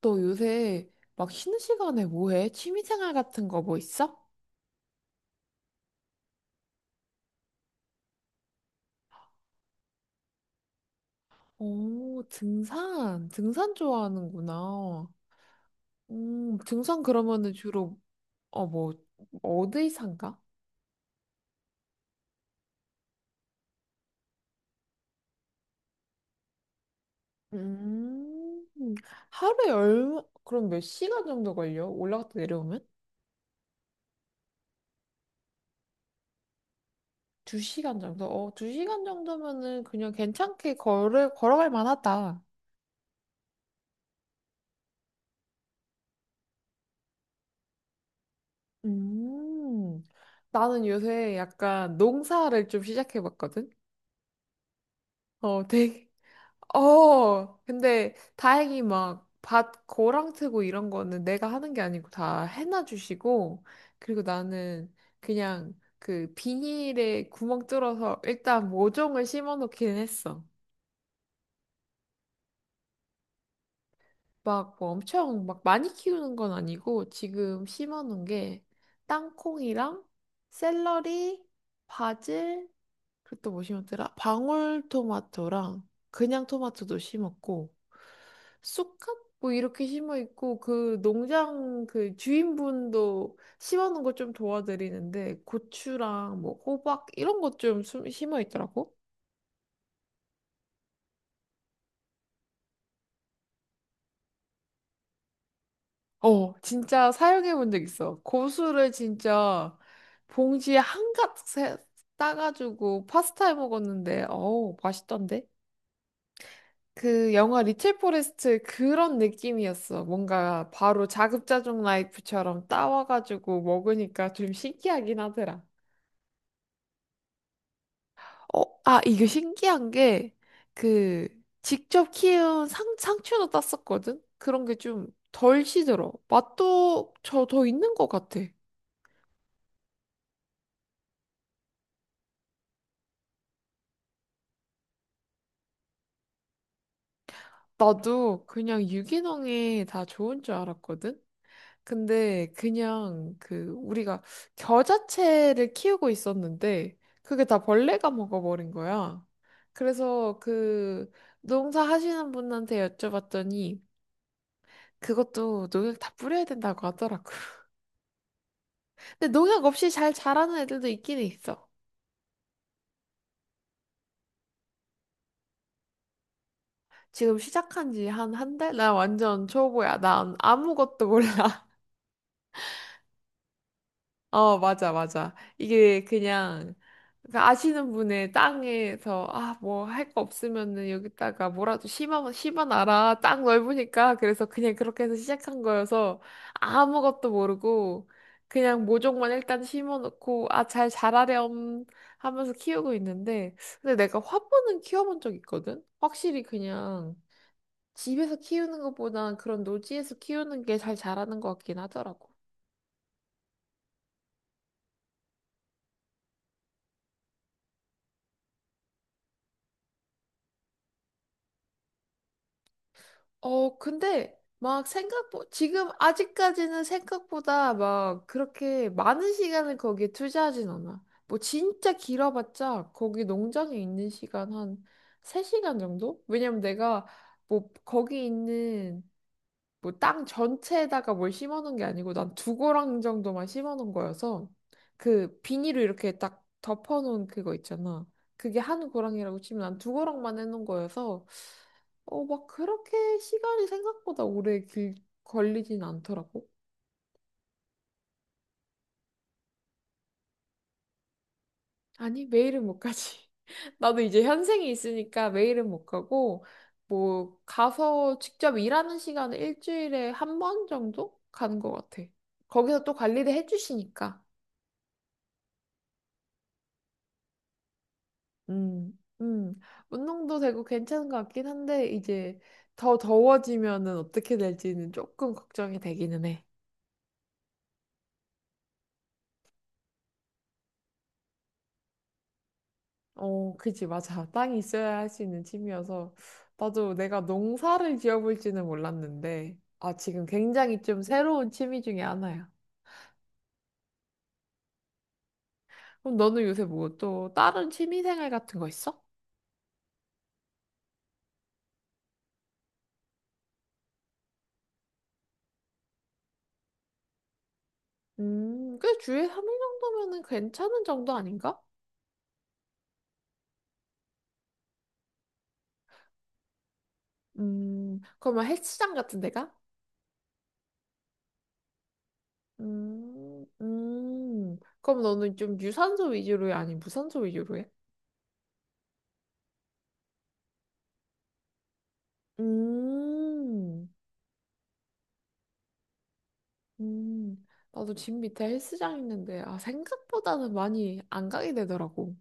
너 요새 막 쉬는 시간에 뭐 해? 취미생활 같은 거 뭐 있어? 오, 등산. 등산 좋아하는구나. 등산 그러면은 주로, 어, 뭐, 어디 산가? 음, 하루에 얼마, 그럼 몇 시간 정도 걸려? 올라갔다 내려오면? 2시간 정도? 어, 2시간 정도면은 그냥 괜찮게 걸어갈 만하다. 음, 나는 요새 약간 농사를 좀 시작해봤거든? 어, 되게, 어, 근데 다행히 막 밭 고랑 트고 이런 거는 내가 하는 게 아니고 다 해놔 주시고 그리고 나는 그냥 그 비닐에 구멍 뚫어서 일단 모종을 심어 놓기는 했어. 막 뭐 엄청 막 많이 키우는 건 아니고 지금 심어 놓은 게 땅콩이랑 샐러리, 바질, 그리고 또 뭐 심었더라? 방울토마토랑 그냥 토마토도 심었고 쑥갓 뭐 이렇게 심어 있고 그 농장 그 주인분도 심어 놓은 거 좀 도와드리는데 고추랑 뭐 호박 이런 것 좀 심어 있더라고. 어, 진짜 사용해 본 적 있어. 고수를 진짜 봉지에 한가득 따가지고 파스타 해 먹었는데 어우 맛있던데. 그 영화 리첼 포레스트 그런 느낌이었어. 뭔가 바로 자급자족 라이프처럼 따와가지고 먹으니까 좀 신기하긴 하더라. 어, 아, 이게 신기한 게 그 직접 키운 상추도 땄었거든? 그런 게 좀 덜 시들어. 맛도 저 더 있는 것 같아. 나도 그냥 유기농에 다 좋은 줄 알았거든? 근데 그냥 그 우리가 겨자채를 키우고 있었는데 그게 다 벌레가 먹어버린 거야. 그래서 그 농사하시는 분한테 여쭤봤더니 그것도 농약 다 뿌려야 된다고 하더라고. 근데 농약 없이 잘 자라는 애들도 있긴 있어. 지금 시작한 지 한 1달? 나 완전 초보야. 난 아무것도 몰라. 어, 맞아, 맞아. 이게 그냥 그 아시는 분의 땅에서 아, 뭐 할 거 없으면은 여기다가 뭐라도 심어놔라. 땅 넓으니까. 그래서 그냥 그렇게 해서 시작한 거여서 아무것도 모르고 그냥 모종만 일단 심어놓고 아, 잘 자라렴 하면서 키우고 있는데 근데 내가 화분은 키워본 적 있거든? 확실히 그냥 집에서 키우는 것보단 그런 노지에서 키우는 게 잘 자라는 것 같긴 하더라고. 어, 근데 막 생각보 지금 아직까지는 생각보다 막 그렇게 많은 시간을 거기에 투자하진 않아. 뭐 진짜 길어봤자 거기 농장에 있는 시간 한 3시간 정도? 왜냐면 내가 뭐 거기 있는 뭐 땅 전체에다가 뭘 심어 놓은 게 아니고 난 두 고랑 정도만 심어 놓은 거여서 그 비닐로 이렇게 딱 덮어 놓은 그거 있잖아. 그게 한 고랑이라고 치면 난 두 고랑만 해 놓은 거여서 어, 막 그렇게 시간이 생각보다 오래 걸리진 않더라고. 아니, 매일은 못 가지. 나도 이제 현생이 있으니까 매일은 못 가고 뭐 가서 직접 일하는 시간은 일주일에 1번 정도 가는 것 같아. 거기서 또 관리를 해주시니까. 음, 음. 운동도 되고 괜찮은 것 같긴 한데, 이제 더 더워지면은 어떻게 될지는 조금 걱정이 되기는 해. 어, 그지, 맞아. 땅이 있어야 할 수 있는 취미여서. 나도 내가 농사를 지어볼지는 몰랐는데, 아, 지금 굉장히 좀 새로운 취미 중에 하나야. 그럼 너는 요새 뭐 또 다른 취미 생활 같은 거 있어? 꽤 주에 3일 정도면은 괜찮은 정도 아닌가? 그러면 헬스장 같은 데가? 그럼 너는 좀 유산소 위주로 해? 아니, 무산소 위주로 해? 음, 음. 나도 집 밑에 헬스장 있는데, 아, 생각보다는 많이 안 가게 되더라고.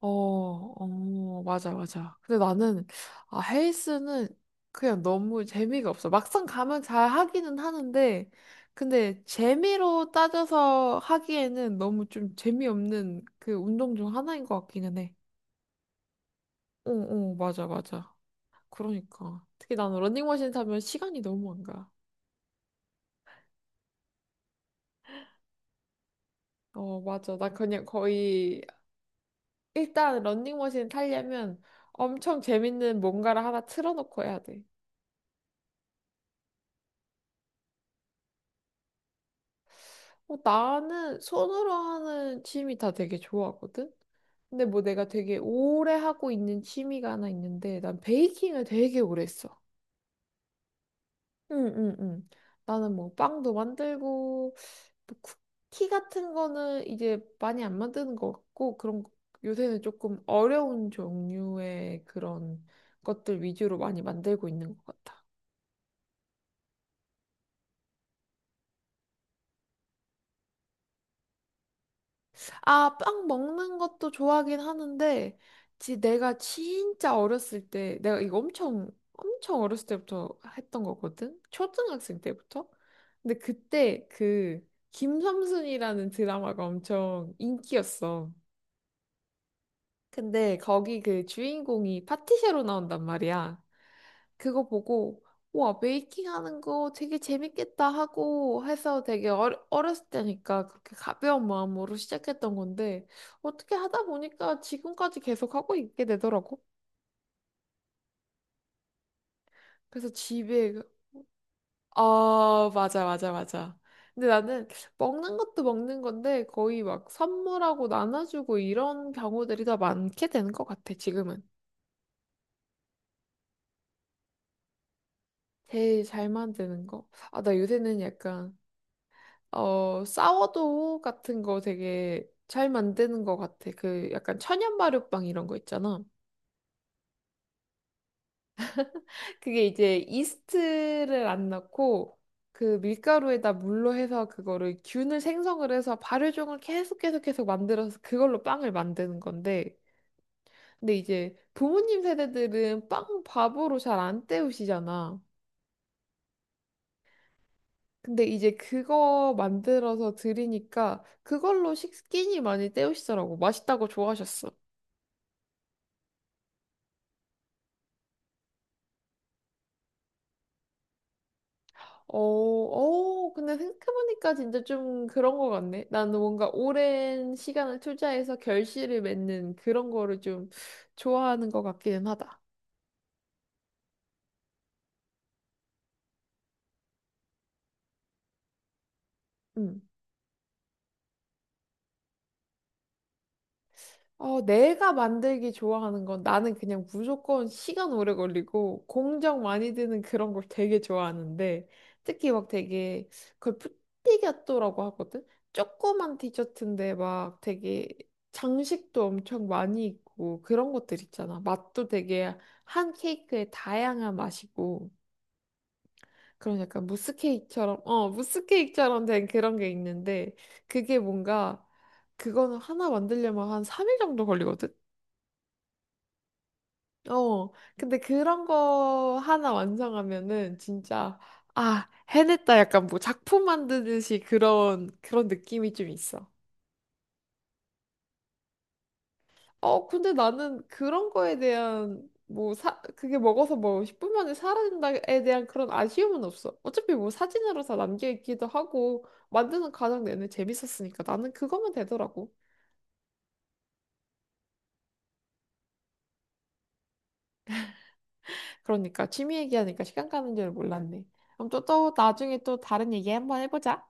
어, 어, 맞아, 맞아. 근데 나는, 아, 헬스는 그냥 너무 재미가 없어. 막상 가면 잘 하기는 하는데, 근데 재미로 따져서 하기에는 너무 좀 재미없는 그 운동 중 하나인 것 같기는 해. 어, 어, 맞아, 맞아. 그러니까. 특히 나는 러닝머신 타면 시간이 너무 안 가. 어, 맞아. 나 그냥 거의, 일단 러닝머신 타려면 엄청 재밌는 뭔가를 하나 틀어놓고 해야 돼. 어, 나는 손으로 하는 취미 다 되게 좋아하거든? 근데 뭐 내가 되게 오래 하고 있는 취미가 하나 있는데, 난 베이킹을 되게 오래 했어. 응, 응, 응. 나는 뭐 빵도 만들고, 뭐 쿠키 같은 거는 이제 많이 안 만드는 것 같고 그런 거- 요새는 조금 어려운 종류의 그런 것들 위주로 많이 만들고 있는 것 같아. 아, 빵 먹는 것도 좋아하긴 하는데 지 내가 진짜 어렸을 때 내가 이거 엄청 엄청 어렸을 때부터 했던 거거든. 초등학생 때부터. 근데 그때 그 김삼순이라는 드라마가 엄청 인기였어. 근데 거기 그 주인공이 파티셰로 나온단 말이야. 그거 보고 와 메이킹 하는 거 되게 재밌겠다 하고 해서 되게 어렸을 때니까 그렇게 가벼운 마음으로 시작했던 건데 어떻게 하다 보니까 지금까지 계속 하고 있게 되더라고. 그래서 집에 그- 아 맞아 맞아 맞아. 근데 나는 먹는 것도 먹는 건데 거의 막 선물하고 나눠주고 이런 경우들이 더 많게 되는 것 같아 지금은. 제일 잘 만드는 거. 아 나 요새는 약간 어, 사워도 같은 거 되게 잘 만드는 것 같아. 그 약간 천연 발효빵 이런 거 있잖아. 그게 이제 이스트를 안 넣고 그 밀가루에다 물로 해서 그거를 균을 생성을 해서 발효종을 계속 계속 계속 만들어서 그걸로 빵을 만드는 건데. 근데 이제 부모님 세대들은 빵 밥으로 잘 안 때우시잖아. 근데 이제 그거 만들어서 드리니까 그걸로 식기니 많이 때우시더라고. 맛있다고 좋아하셨어. 어, 어, 근데 생각해보니까 진짜 좀 그런 거 같네. 나는 뭔가 오랜 시간을 투자해서 결실을 맺는 그런 거를 좀 좋아하는 것 같기는 하다. 음. 어, 내가 만들기 좋아하는 건 나는 그냥 무조건 시간 오래 걸리고 공정 많이 드는 그런 걸 되게 좋아하는데 특히 막 되게 그걸 푸티가또라고 하거든? 조그만 디저트인데 막 되게 장식도 엄청 많이 있고 그런 것들 있잖아. 맛도 되게 한 케이크에 다양한 맛이고 그런 약간 무스 케이크처럼 어, 무스 케이크처럼 된 그런 게 있는데 그게 뭔가 그거는 하나 만들려면 한 3일 정도 걸리거든? 어, 근데 그런 거 하나 완성하면은 진짜, 아, 해냈다. 약간 뭐 작품 만드듯이 그런, 그런 느낌이 좀 있어. 어, 근데 나는 그런 거에 대한, 뭐, 사, 그게 먹어서 뭐 10분 만에 사라진다에 대한 그런 아쉬움은 없어. 어차피 뭐 사진으로 다 남겨있기도 하고, 만드는 과정 내내 재밌었으니까 나는 그거면 되더라고. 그러니까 취미 얘기하니까 시간 가는 줄 몰랐네. 그럼 또, 또 나중에 또 다른 얘기 한번 해보자.